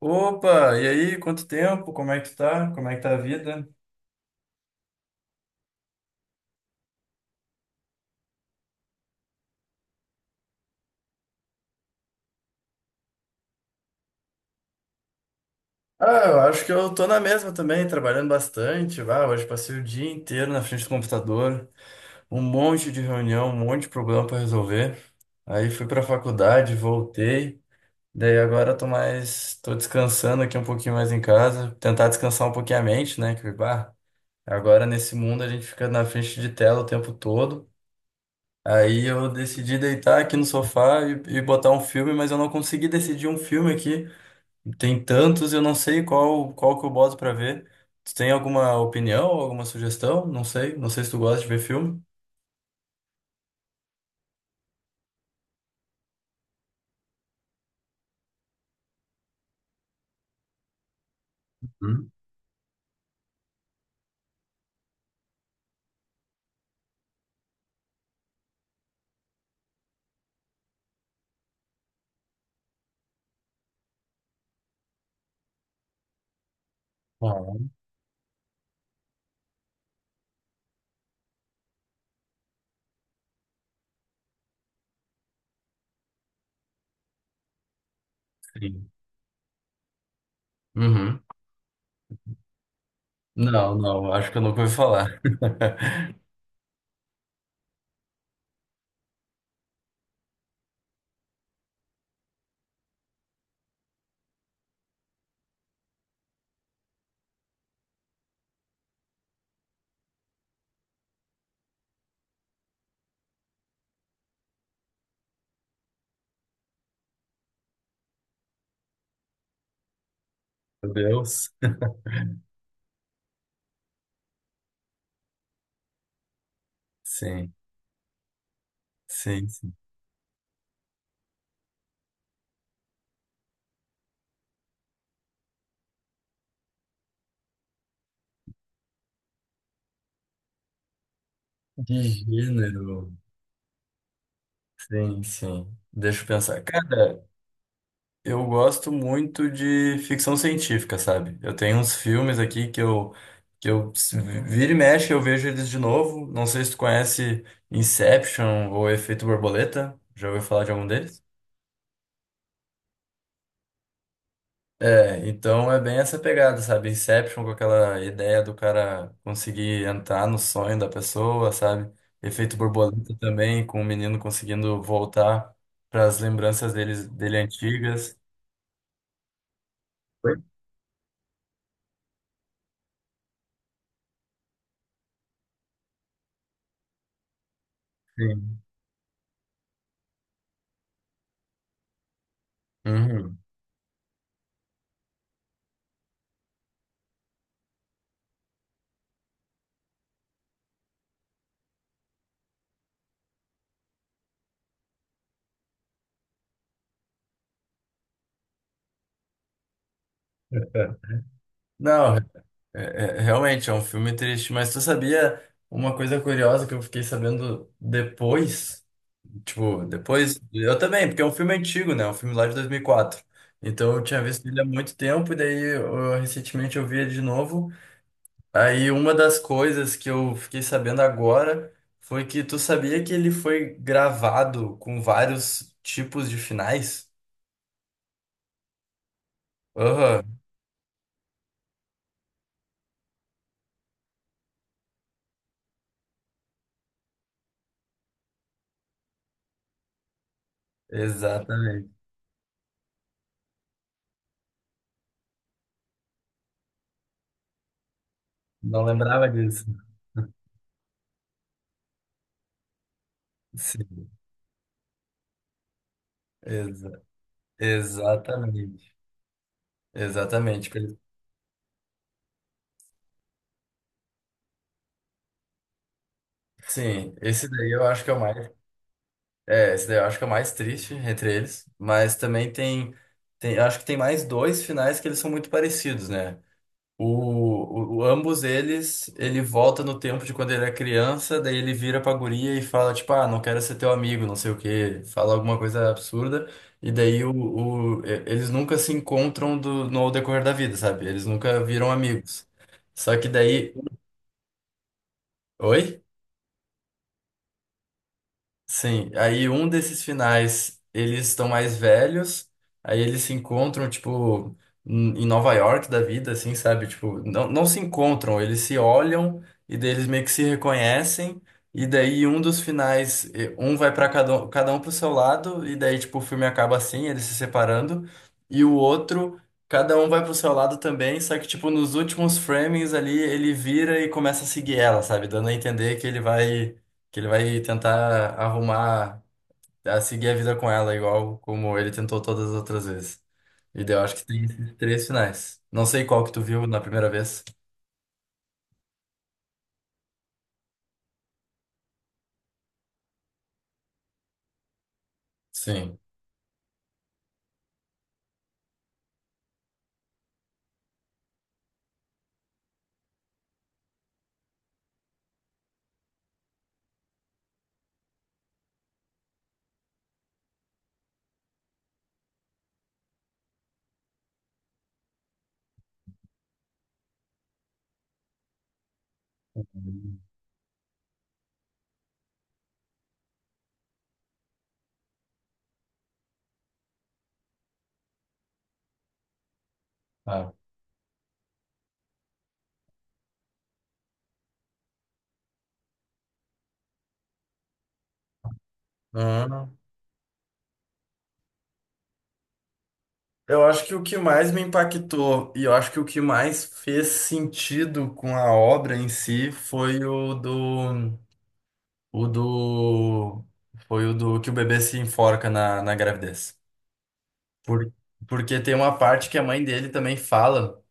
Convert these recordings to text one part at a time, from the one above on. Opa, e aí, quanto tempo? Como é que tu tá? Como é que tá a vida? Ah, eu acho que eu tô na mesma também, trabalhando bastante. Ah, hoje passei o dia inteiro na frente do computador, um monte de reunião, um monte de problema para resolver. Aí fui pra faculdade, voltei. Daí agora tô descansando aqui um pouquinho mais em casa, tentar descansar um pouquinho a mente, né? Que, bah, agora nesse mundo a gente fica na frente de tela o tempo todo. Aí eu decidi deitar aqui no sofá e botar um filme, mas eu não consegui decidir um filme aqui. Tem tantos, eu não sei qual que eu boto pra ver. Tu tem alguma opinião, alguma sugestão? Não sei, não sei se tu gosta de ver filme. Hum? Ah, sim. Uhum. Não, não, acho que eu nunca ouvi falar. Meu Deus. Sim, sim, sim. De gênero. Sim, sim. Deixa eu pensar. Cara, eu gosto muito de ficção científica, sabe? Eu tenho uns filmes aqui que eu se vira e mexe, eu vejo eles de novo. Não sei se tu conhece Inception ou Efeito Borboleta. Já ouviu falar de algum deles? É, então é bem essa pegada, sabe? Inception com aquela ideia do cara conseguir entrar no sonho da pessoa, sabe? Efeito borboleta também, com o menino conseguindo voltar para as dele antigas. Oi? Sim. Uhum. Não, realmente, é um filme triste, mas tu sabia uma coisa curiosa que eu fiquei sabendo depois? Tipo, depois, eu também, porque é um filme antigo, né? É um filme lá de 2004. Então eu tinha visto ele há muito tempo, e daí recentemente eu vi ele de novo. Aí uma das coisas que eu fiquei sabendo agora foi que tu sabia que ele foi gravado com vários tipos de finais? Aham, exatamente. Não lembrava disso. Sim, exatamente. Exatamente. Sim, esse daí eu acho que é o mais. É, esse daí eu acho que é o mais triste entre eles. Mas também tem, eu acho que tem mais dois finais que eles são muito parecidos, né? Ambos eles, ele volta no tempo de quando ele era criança, daí ele vira pra guria e fala, tipo, ah, não quero ser teu amigo, não sei o quê. Fala alguma coisa absurda. E daí o- e- Eles nunca se encontram do, no decorrer da vida, sabe? Eles nunca viram amigos. Só que daí. Oi? Sim, aí um desses finais eles estão mais velhos, aí eles se encontram, tipo, em Nova York da vida, assim, sabe? Tipo, não se encontram, eles se olham e daí eles meio que se reconhecem, e daí um dos finais, um vai para cada um pro seu lado, e daí, tipo, o filme acaba assim, eles se separando, e o outro, cada um vai pro seu lado também, só que, tipo, nos últimos framings ali, ele vira e começa a seguir ela, sabe? Dando a entender que ele vai. Que ele vai tentar arrumar, a seguir a vida com ela, igual como ele tentou todas as outras vezes. E daí eu acho que tem esses três finais. Não sei qual que tu viu na primeira vez. Sim. Ah. Hum. Eu acho que o que mais me impactou e eu acho que o que mais fez sentido com a obra em si foi o do, foi o do que o bebê se enforca na gravidez. Por, Porque tem uma parte que a mãe dele também fala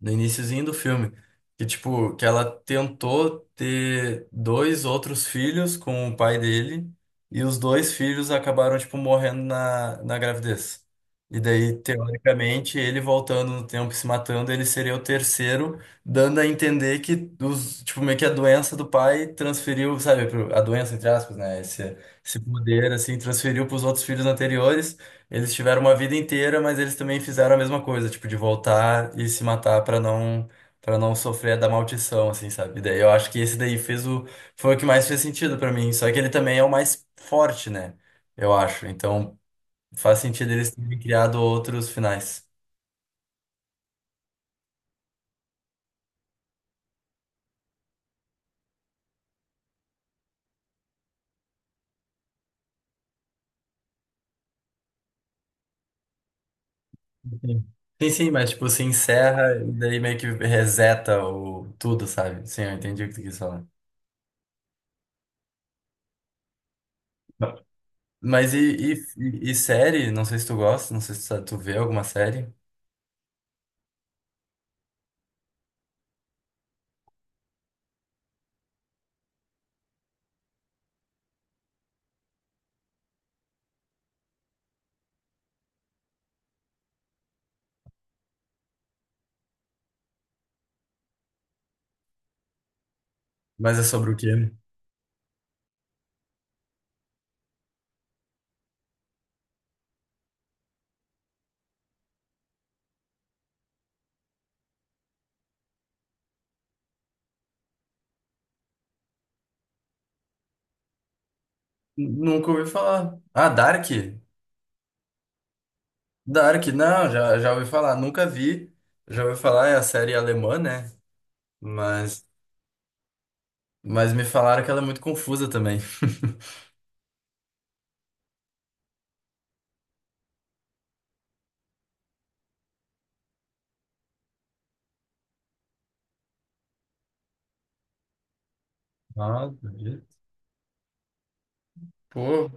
no iniciozinho do filme, que tipo, que ela tentou ter dois outros filhos com o pai dele, e os dois filhos acabaram tipo morrendo na gravidez. E daí, teoricamente, ele voltando no tempo e se matando, ele seria o terceiro, dando a entender que os, tipo, meio que a doença do pai transferiu, sabe, a doença, entre aspas, né? Esse poder, assim, transferiu para os outros filhos anteriores. Eles tiveram uma vida inteira, mas eles também fizeram a mesma coisa, tipo, de voltar e se matar pra não para não sofrer da maldição, assim, sabe? Daí eu acho que esse daí fez o foi o que mais fez sentido pra mim, só que ele também é o mais forte, né? Eu acho. Então, faz sentido eles terem criado outros finais. Sim, sim, sim, mas tipo, se encerra e daí meio que reseta o tudo, sabe? Sim, eu entendi o que tu quis falar. Mas e série? Não sei se tu gosta, não sei se tu vê alguma série, mas é sobre o quê? Nunca ouvi falar. Ah, Dark? Dark, não, já ouvi falar. Nunca vi. Já ouvi falar, é a série alemã, né? Mas, mas me falaram que ela é muito confusa também. Nossa, pô,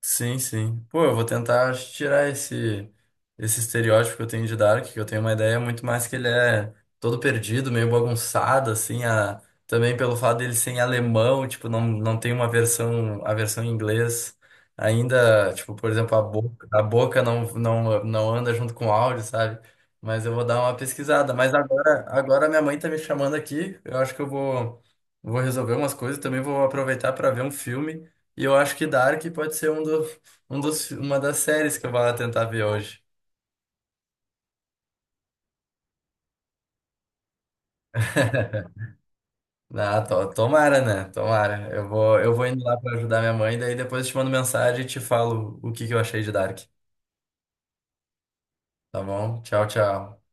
sim, sim. Pô, eu vou tentar tirar esse estereótipo que eu tenho de Dark, que eu tenho uma ideia muito mais que ele é todo perdido, meio bagunçado, assim, a, também pelo fato dele ser em alemão, tipo, não tem uma versão, a versão em inglês ainda, tipo, por exemplo, a boca não anda junto com o áudio, sabe? Mas eu vou dar uma pesquisada. Mas agora minha mãe tá me chamando aqui, eu acho que vou resolver umas coisas, também vou aproveitar para ver um filme. E eu acho que Dark pode ser um dos, uma das séries que eu vou lá tentar ver hoje. Ah, tomara, né? Tomara. Eu vou indo lá pra ajudar minha mãe, daí depois eu te mando mensagem e te falo o que que eu achei de Dark. Tá bom? Tchau, tchau.